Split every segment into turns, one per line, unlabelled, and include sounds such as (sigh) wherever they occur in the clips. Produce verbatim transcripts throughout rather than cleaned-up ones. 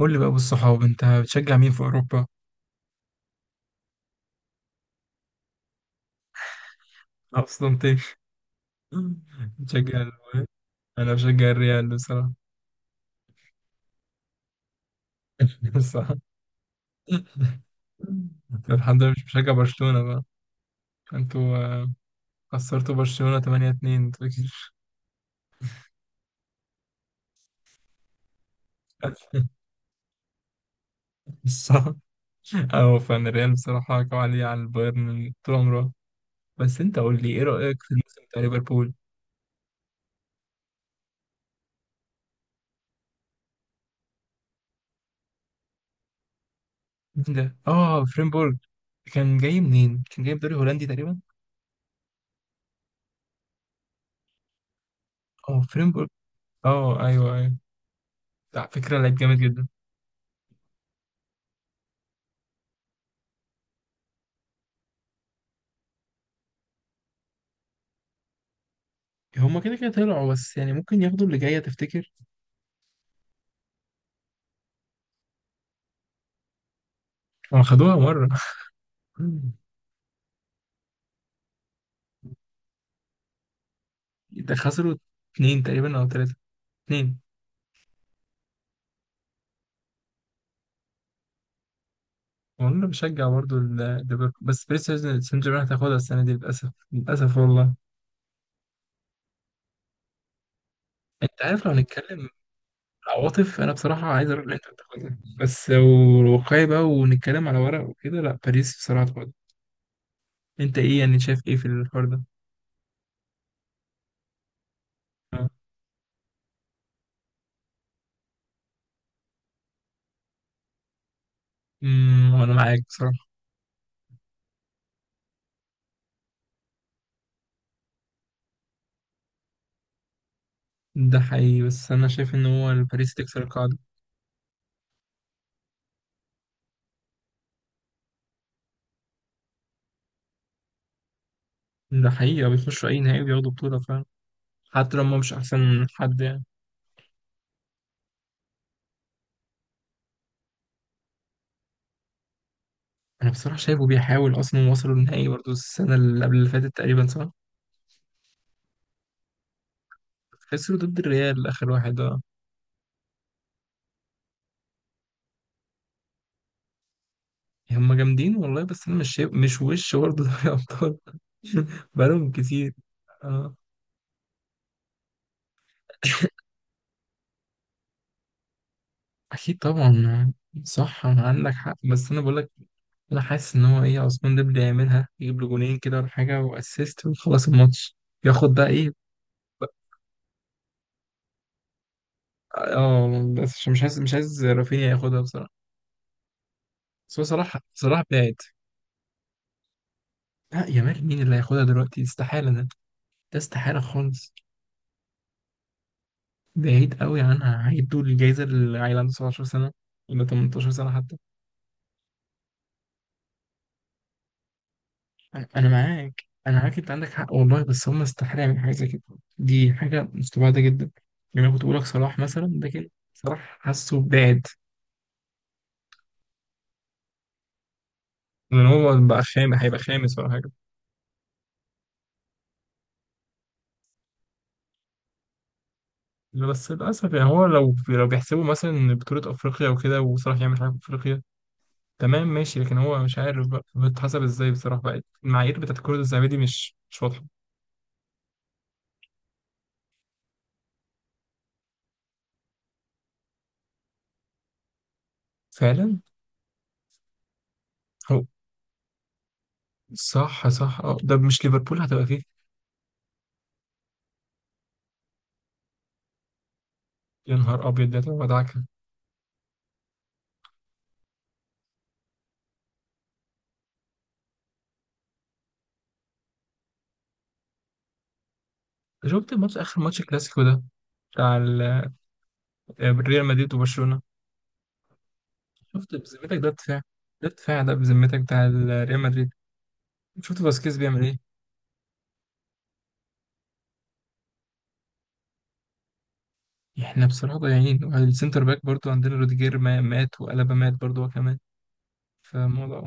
قول لي بقى بالصحاب، انت بتشجع مين في اوروبا؟ اصلا تاني. (laughs) بتشجع ال- انا بشجع الريال بصراحه. (laughs) صح. الحمد لله مش بشجع برشلونه بقى. انتوا آه، خسرتوا برشلونه تمانيه اتنين انتوا اكيد. (laughs) صح. اه، فانا الريال بصراحه كوالي على البايرن من طول عمره. بس انت قول لي ايه رايك في الموسم بتاع ليفربول؟ مين ده؟ اه، فريمبورج. كان جاي منين؟ كان جاي من دوري هولندي تقريبا. اه، فريمبورج. اه، ايوه ايوه. على فكره لعيب جامد جدا. هما كده كده طلعوا، بس يعني ممكن ياخدوا اللي جاية، تفتكر؟ ما خدوها مرة؟ (laughs) ده خسروا اتنين تقريبا أو تلاتة. اتنين. وانا بشجع برضو ال- ليفربول، بس باريس سان سان جيرمان هتاخدها السنة دي، للأسف للأسف والله. أنت عارف، لو هنتكلم عواطف أنا بصراحة عايز أقول الإنتر تاخدها، بس لو واقعي بقى ونتكلم على ورق وكده، لأ، باريس بصراحة تاخدها. أنت إيه يعني شايف إيه في الحوار ده؟ آه. امم وانا معاك بصراحة. ده حقيقي، بس انا شايف ان هو باريس تكسر القاعدة. ده حقيقي، بيخشوا اي نهائي بياخدوا بطولة فعلا. حتى لما مش احسن حد يعني. انا بصراحه شايفه بيحاول، اصلا وصلوا النهائي برضه السنه اللي قبل اللي فاتت تقريبا، صح؟ خسروا ضد الريال اخر واحد، اه. هم جامدين والله، بس انا مش شايف، مش وش برضه دوري ابطال. (laughs) بقالهم كتير، اه. (coughs) اكيد طبعا. صح، انا عندك حق، بس انا بقول لك، انا حاسس ان هو ايه عثمان ديمبلي يعملها، يجيب له جونين كده ولا حاجه واسيست ويخلص الماتش. ياخد بقى ايه. اه، بس عشان مش عايز مش عايز رافينيا ياخدها بصراحه. بس هو صلاح، صلاح بعيد. لا يامال؟ مين اللي هياخدها دلوقتي؟ استحالة ده. ده استحالة خالص. بعيد قوي عنها، هيدوا الجايزة للعيل عنده سبعتاشر سنة ولا ثمانية عشر سنة حتى. أنا أنا معاك، أنا معاك، أنت عندك حق والله، بس هم استحالة يعملوا حاجة زي كده. دي حاجة مستبعدة جدا. يعني أنا كنت بقول لك صلاح مثلا، ده كده صلاح حاسه بعد. لان هو بقى خامس، هيبقى خامس ولا حاجه. بس للاسف يعني هو لو لو بيحسبوا مثلا بطوله افريقيا وكده وصلاح يعمل حاجه في افريقيا. تمام ماشي، لكن هو مش عارف بقى بتحسب ازاي بصراحة بقى، المعايير بتاعت الكرة الذهبية دي مش مش واضحة. فعلا. هو صح صح، اه ده مش ليفربول هتبقى فيه؟ يا نهار ابيض، ده هتبقى مدعكة. شفت الماتش، اخر ماتش كلاسيكو ده، بتاع ال- آه، ريال مدريد وبرشلونة؟ شفت بذمتك ده دفاع؟ ده دفاع، ده بذمتك بتاع ال- آه، ريال مدريد. شفت فاسكيز بيعمل ايه. احنا بصراحة ضايعين، والسنتر باك برضو عندنا روديجير ما- مات، وألابا مات برضو هو كمان. فالموضوع.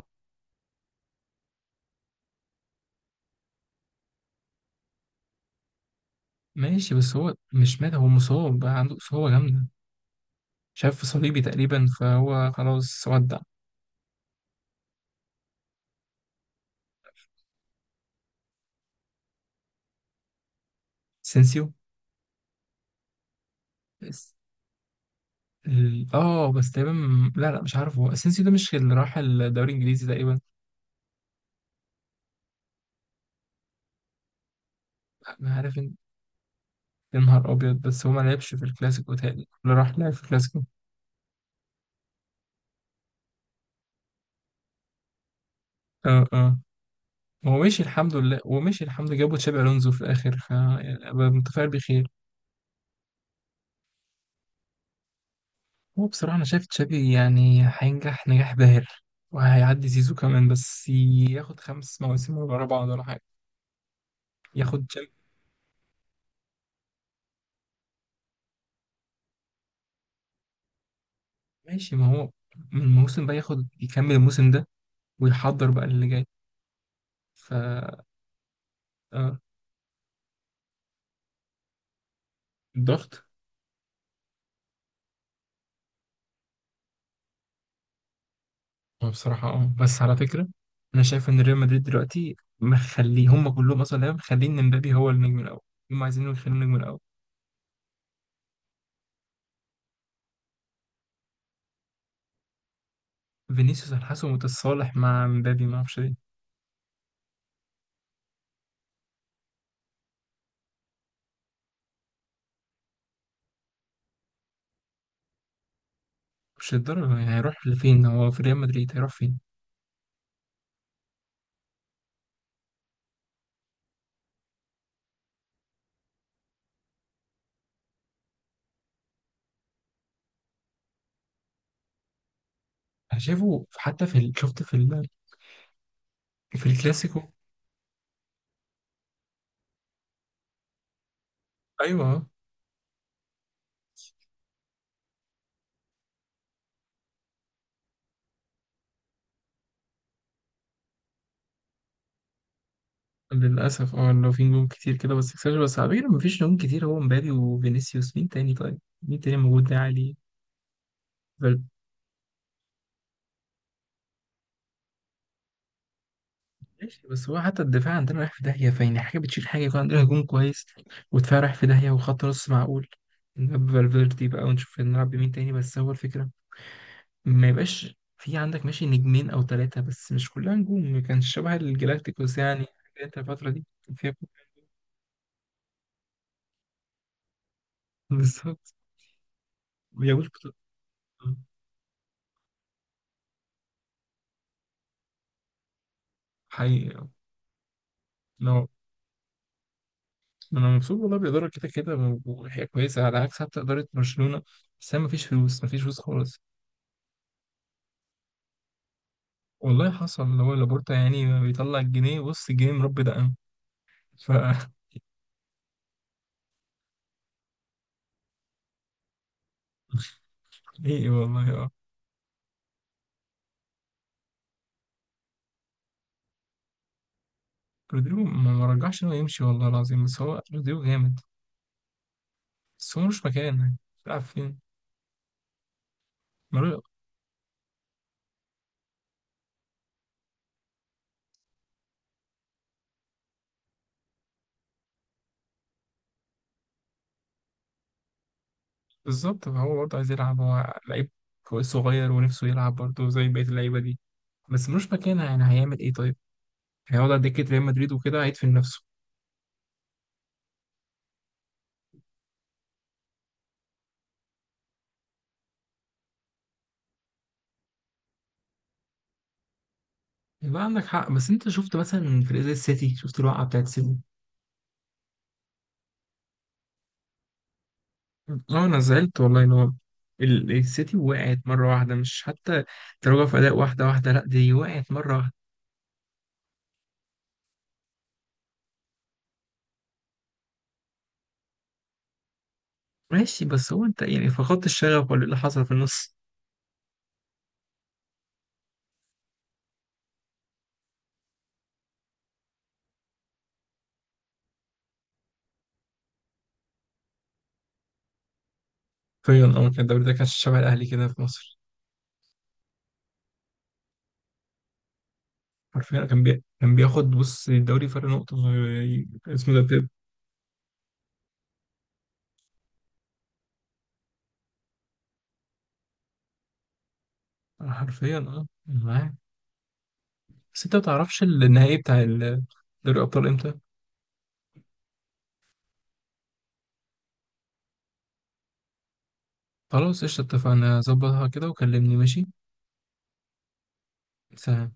ماشي، بس هو مش مات، هو مصاب بقى عنده إصابة جامدة، شاف صليبي تقريبا فهو خلاص ودع. اسينسيو. بس- ال- اه بس تقريبا. لا لا، مش عارف، هو اسينسيو ده مش اللي راح الدوري الانجليزي تقريبا؟ انا عارف ان، يا نهار ابيض، بس هو ما لعبش في الكلاسيكو تاني، اللي راح لعب في الكلاسيكو. اه اه. هو مشي الحمد لله، هو مشي الحمد لله، جابوا تشابي الونزو في الاخر ف يعني أبقى متفائل بخير. هو بصراحه انا شايف تشابي يعني هينجح نجاح باهر، وهيعدي زيزو كمان، بس ياخد خمس مواسم ورا بعض ولا حاجه. ياخد، ماشي، ما هو من الموسم بقى ياخد، يكمل الموسم ده ويحضر بقى اللي جاي ف. آه، الضغط. هو بصراحة اه بس على فكرة، أنا شايف إن ريال مدريد دلوقتي مخليه هم كلهم أصلا لعيبة، مخلين إمبابي هو النجم الأول. هم عايزين يخلوا النجم الأول فينيسيوس، الحاسه متصالح مع إمبابي، ما أعرفش ليه. مش الدرجة يعني، هيروح لفين؟ هو في ريال مدريد هيروح فين؟ أنا شايفه حتى في ال- شفت في ال... في الكلاسيكو، أيوه آه. للأسف. اه لو في نجوم كتير كده بس اكسجر، بس على فكرة مفيش نجوم كتير، هو مبابي وفينيسيوس. مين تاني طيب؟ مين تاني موجود ده عالي؟ فال- ماشي، بس هو حتى الدفاع عندنا رايح في داهية، فيعني حاجة بتشيل حاجة، يكون عندنا هجوم كويس ودفاع رايح في داهية وخط نص معقول. نلعب فالفيردي بقى ونشوف، نلعب بمين تاني؟ بس هو الفكرة، ما يبقاش في عندك ماشي نجمين أو ثلاثة بس مش كلها نجوم، ما كانش شبه الجلاكتيكوس يعني، حاجة انت الفترة دي كان فيها. (laughs) بالظبط. وياجوز. حقيقي. لو انا مبسوط والله بالاداره، كده كده و- وهي كويسه، على عكس حتى اداره برشلونه، بس ما فيش فلوس، ما فيش فلوس خالص. والله حصل، اللي هو لابورتا يعني بيطلع الجنيه، بص الجنيه مربي دقن ف. (laughs) ايه والله، اه. رودريجو ما ما رجعش انه يمشي والله العظيم، بس هو رودريجو جامد، بس هو مش مكان يعني، بيلعب فين؟ ملو- بالظبط، فهو برضه عايز يلعب، هو لعيب كويس صغير ونفسه يلعب برضه زي بقيه اللعيبه دي، بس ملوش مكانها يعني هيعمل ايه طيب؟ هيقعد على دكه ريال مدريد وكده هيدفن نفسه. يبقى عندك حق، بس انت شفت مثلا فريق زي السيتي، شفت الوقعه بتاعت السيتي؟ اه، انا زعلت والله، ان هو ال- السيتي وقعت مره واحده، مش حتى تراجع في اداء، واحده واحده، لا دي وقعت مره واحده. ماشي، بس هو انت يعني فقدت الشغف ولا ايه اللي حصل في النص. حرفيا اه كان الدوري ده كان شبه الاهلي كده في مصر. حرفيا كان بي... كان بياخد، بص الدوري فرق نقطه، وي- اسمه ده بيب. حرفيا اه أنا معاك، بس انت ما تعرفش النهائي بتاع ال- دوري الابطال امتى؟ خلاص قشطه، اتفقنا، ظبطها كده وكلمني، ماشي. سلام.